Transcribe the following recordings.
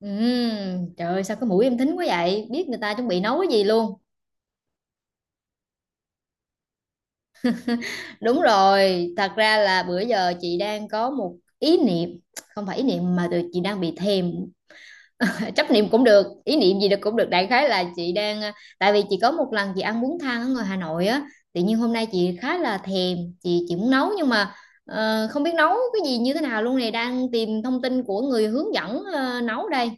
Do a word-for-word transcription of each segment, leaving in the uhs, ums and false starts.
Ừm, trời ơi, sao cái mũi em thính quá vậy, biết người ta chuẩn bị nấu cái gì luôn. Đúng rồi, thật ra là bữa giờ chị đang có một ý niệm. Không phải ý niệm mà từ chị đang bị thèm. Chấp niệm cũng được, ý niệm gì được cũng được, đại khái là chị đang à, tại vì chị có một lần chị ăn bún thang ở ngoài Hà Nội á. Tự nhiên hôm nay chị khá là thèm, chị chị muốn nấu nhưng mà ờ, không biết nấu cái gì như thế nào luôn, này đang tìm thông tin của người hướng dẫn ờ, nấu đây.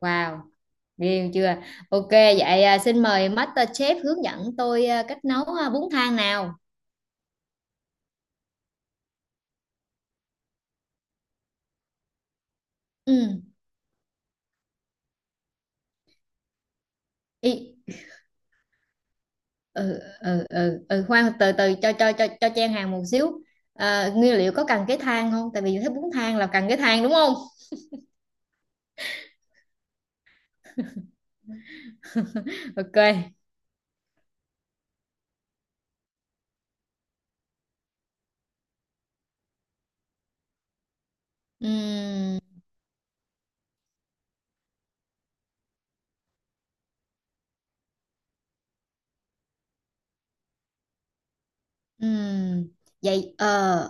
Wow. Riêu chưa? Ok, vậy à, xin mời Master Chef hướng dẫn tôi à, cách nấu à, bún thang nào. Ừ, y, ừ, ừ, ừ, ừ, khoan, từ từ, cho cho cho cho chen hàng một xíu. À, nguyên liệu có cần cái thang không? Tại vì thấy bún thang là cần cái thang đúng không? Ok. Ừm, ừm. Vậy ờ,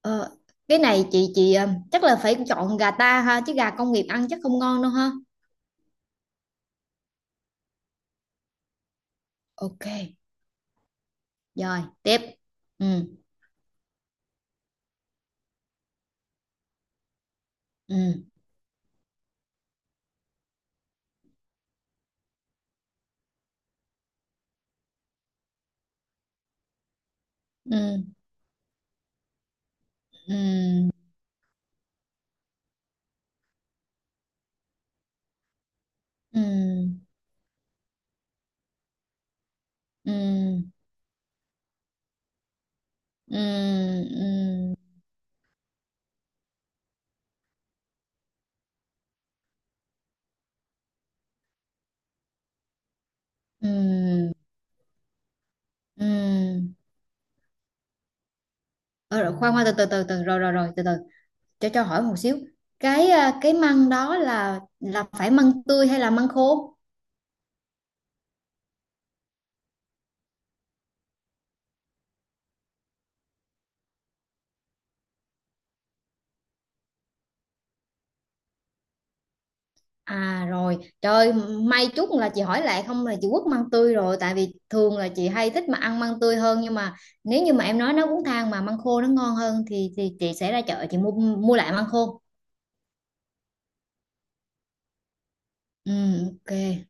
ờ, cái này chị chị ờ, chắc là phải chọn gà ta ha, chứ gà công nghiệp ăn chắc không ngon đâu ha. Ok, rồi tiếp. Ừ, ừ, ừ, ừ. Ừ, ừ, ừ, ừ, ừ, ừ. ờ, Rồi, khoan khoan, từ từ từ từ rồi rồi rồi từ từ, cho cho hỏi một xíu. Cái à, cái măng đó là là phải măng tươi hay là măng khô? À rồi, trời, may chút là chị hỏi lại, không là chị quất măng tươi rồi, tại vì thường là chị hay thích mà ăn măng tươi hơn, nhưng mà nếu như mà em nói nó cũng thang mà măng khô nó ngon hơn thì thì chị sẽ ra chợ chị mua mua lại măng khô. Ừ, ok.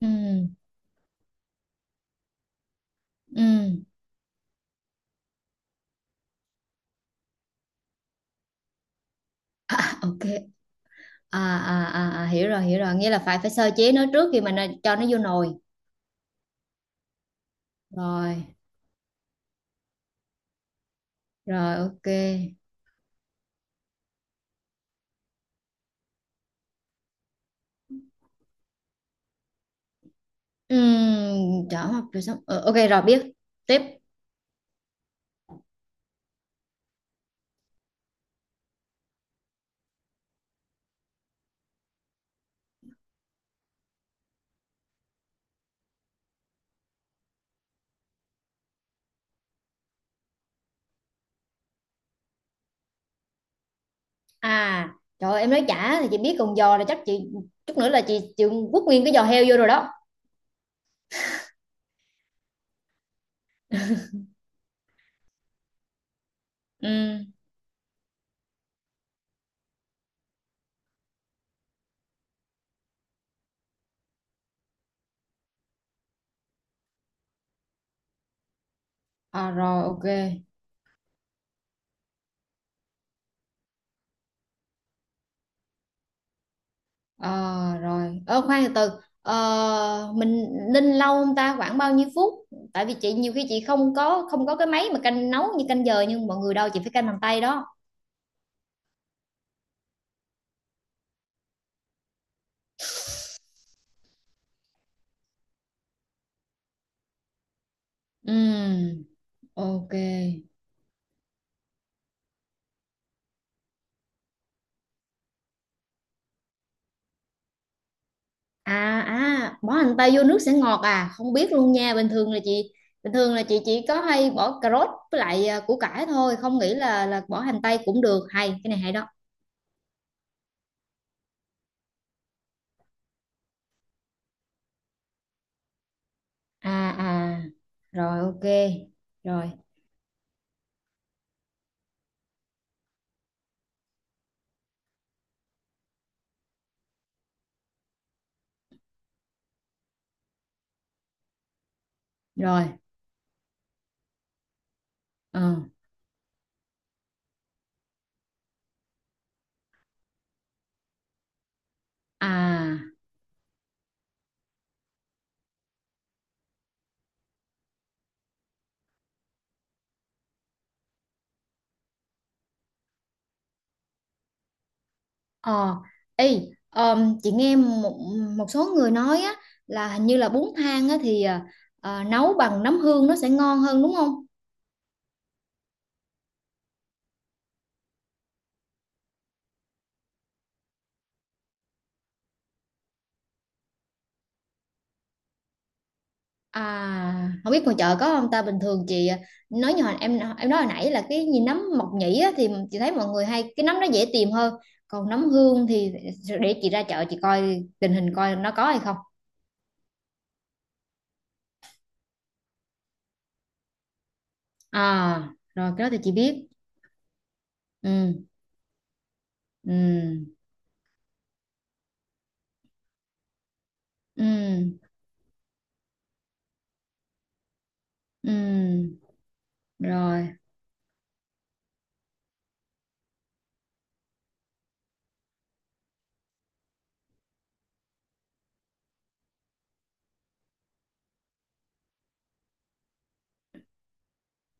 Ừ, ừ. À, ok. À à à à, hiểu rồi, hiểu rồi, nghĩa là phải phải sơ chế nó trước khi mà nó, cho nó vô nồi. Rồi, rồi ok. Uhm, chả học rồi, xong. Ờ, ok rồi, biết. Tiếp. À, trời ơi, em nói chả thì chị biết, còn giò là chắc chị chút nữa là chị chịu quất nguyên cái giò heo vô rồi đó. Ừm, à rồi ok. Ờ, rồi, ờ khoan từ từ. Ờ, mình ninh lâu không ta, khoảng bao nhiêu phút? Tại vì chị nhiều khi chị không có không có cái máy mà canh nấu như canh giờ, nhưng mọi người đâu, chị phải canh bằng tay đó. Ừ. Ok. À à, bỏ hành tây vô nước sẽ ngọt à? Không biết luôn nha. Bình thường là chị bình thường là chị chỉ có hay bỏ cà rốt với lại à, củ cải thôi, không nghĩ là là bỏ hành tây cũng được. Hay, cái này hay đó. À à. Rồi ok. Rồi, rồi. Ờ. À. Ờ. Ê, ờm, chị nghe một một số người nói á, là hình như là bún thang á thì à, à, nấu bằng nấm hương nó sẽ ngon hơn đúng không? À, không biết ngoài chợ có không ta, bình thường chị à, nói như hồi em em nói hồi nãy là cái gì nấm mộc nhĩ á, thì chị thấy mọi người hay cái nấm nó dễ tìm hơn, còn nấm hương thì để chị ra chợ chị coi tình hình coi nó có hay không. À rồi, cái đó thì chị biết. ừ ừ ừ ừ Rồi.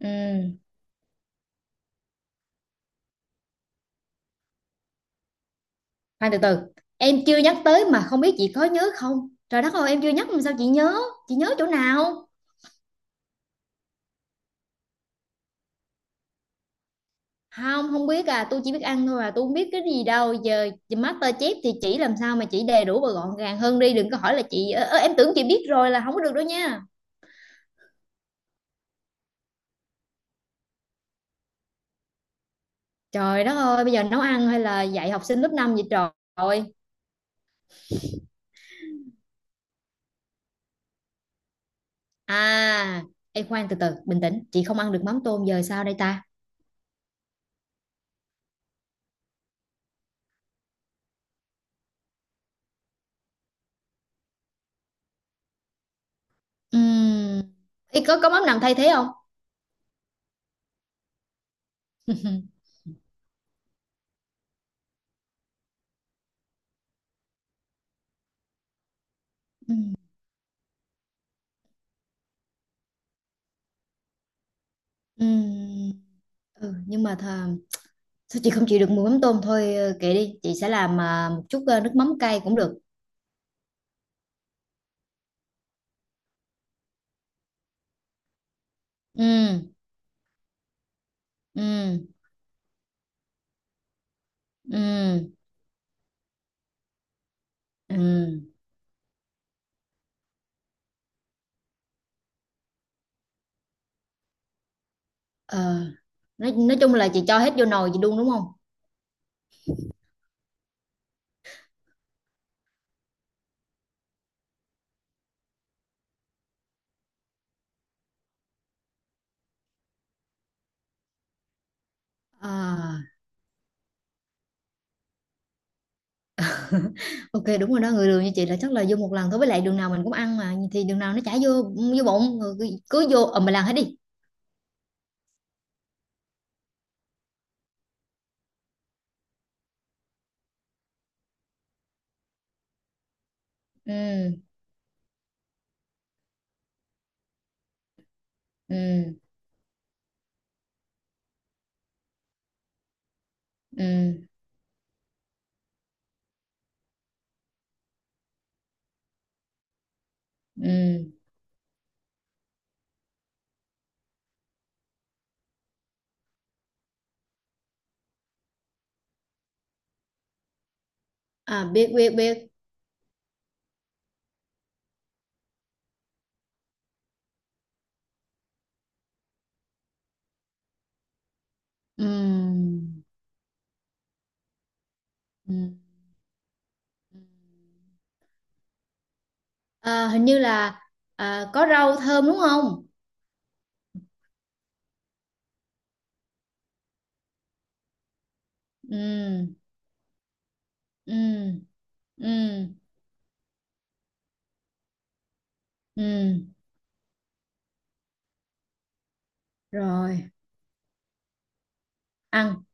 ừ Khoan từ từ. Em chưa nhắc tới mà không biết chị có nhớ không, trời đất ơi, em chưa nhắc mà sao chị nhớ? Chị nhớ chỗ nào? Không không, biết à, tôi chỉ biết ăn thôi à, tôi không biết cái gì đâu giờ. Master Chef thì chỉ làm sao mà chỉ đầy đủ và gọn gàng hơn đi, đừng có hỏi là chị ơ, ơ, em tưởng chị biết rồi là không có được đâu nha. Trời đất ơi, bây giờ nấu ăn hay là dạy học sinh lớp năm vậy trời ơi. à em khoan, từ từ, bình tĩnh, chị không ăn được mắm tôm, giờ sao đây ta? Ừm, Ý, có có mắm nào thay thế không? Ừm, ừm, ừ, nhưng mà thà, sao chị không chịu được mùi mắm tôm thôi, ờ, kệ đi, chị sẽ làm à, một chút ờ, nước mắm cay cũng được. Ừm, ừm. ừ ừ ờ nói, nói chung là chị cho hết vô nồi chị đun đúng không? À, ok đúng rồi đó, người đường như chị là chắc là vô một lần thôi, với lại đường nào mình cũng ăn mà, thì đường nào nó chả vô, vô bụng rồi cứ, cứ vô ầm mà làm hết đi. ừ ừ ừ ừ À, biết biết biết. Ừ, ừ, ừ. À, hình như là à, có rau thơm đúng không? ừ ừ ừ ừ Rồi, ăn.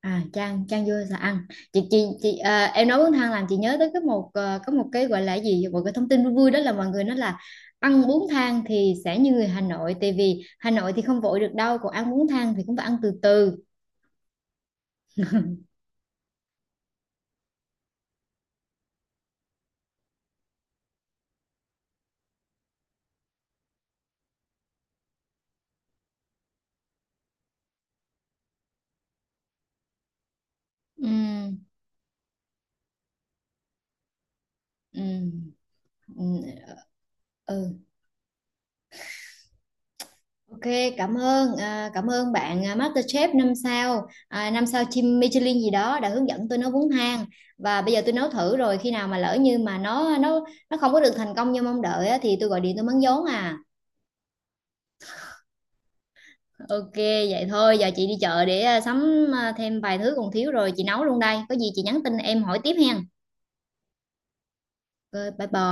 À, Trang Trang vô là ăn. Chị chị chị à, em nói bún thang làm chị nhớ tới cái một ờ, có một cái gọi là gì, một cái thông tin vui vui, đó là mọi người nói là ăn bún thang thì sẽ như người Hà Nội, tại vì Hà Nội thì không vội được đâu, còn ăn bún thang thì cũng phải ăn từ từ. Ừ, ừ, ừ, ừ. Ok, cảm ơn à, cảm ơn bạn à, MasterChef năm sao à, năm sao chim Michelin gì đó đã hướng dẫn tôi nấu bún thang, và bây giờ tôi nấu thử, rồi khi nào mà lỡ như mà nó nó nó không có được thành công như mong đợi á, thì tôi gọi điện tôi mắng vốn à Ok, vậy thôi, giờ chị đi chợ để à, sắm à, thêm vài thứ còn thiếu rồi, chị nấu luôn đây. Có gì chị nhắn tin em hỏi tiếp hen. Ok, bye bye.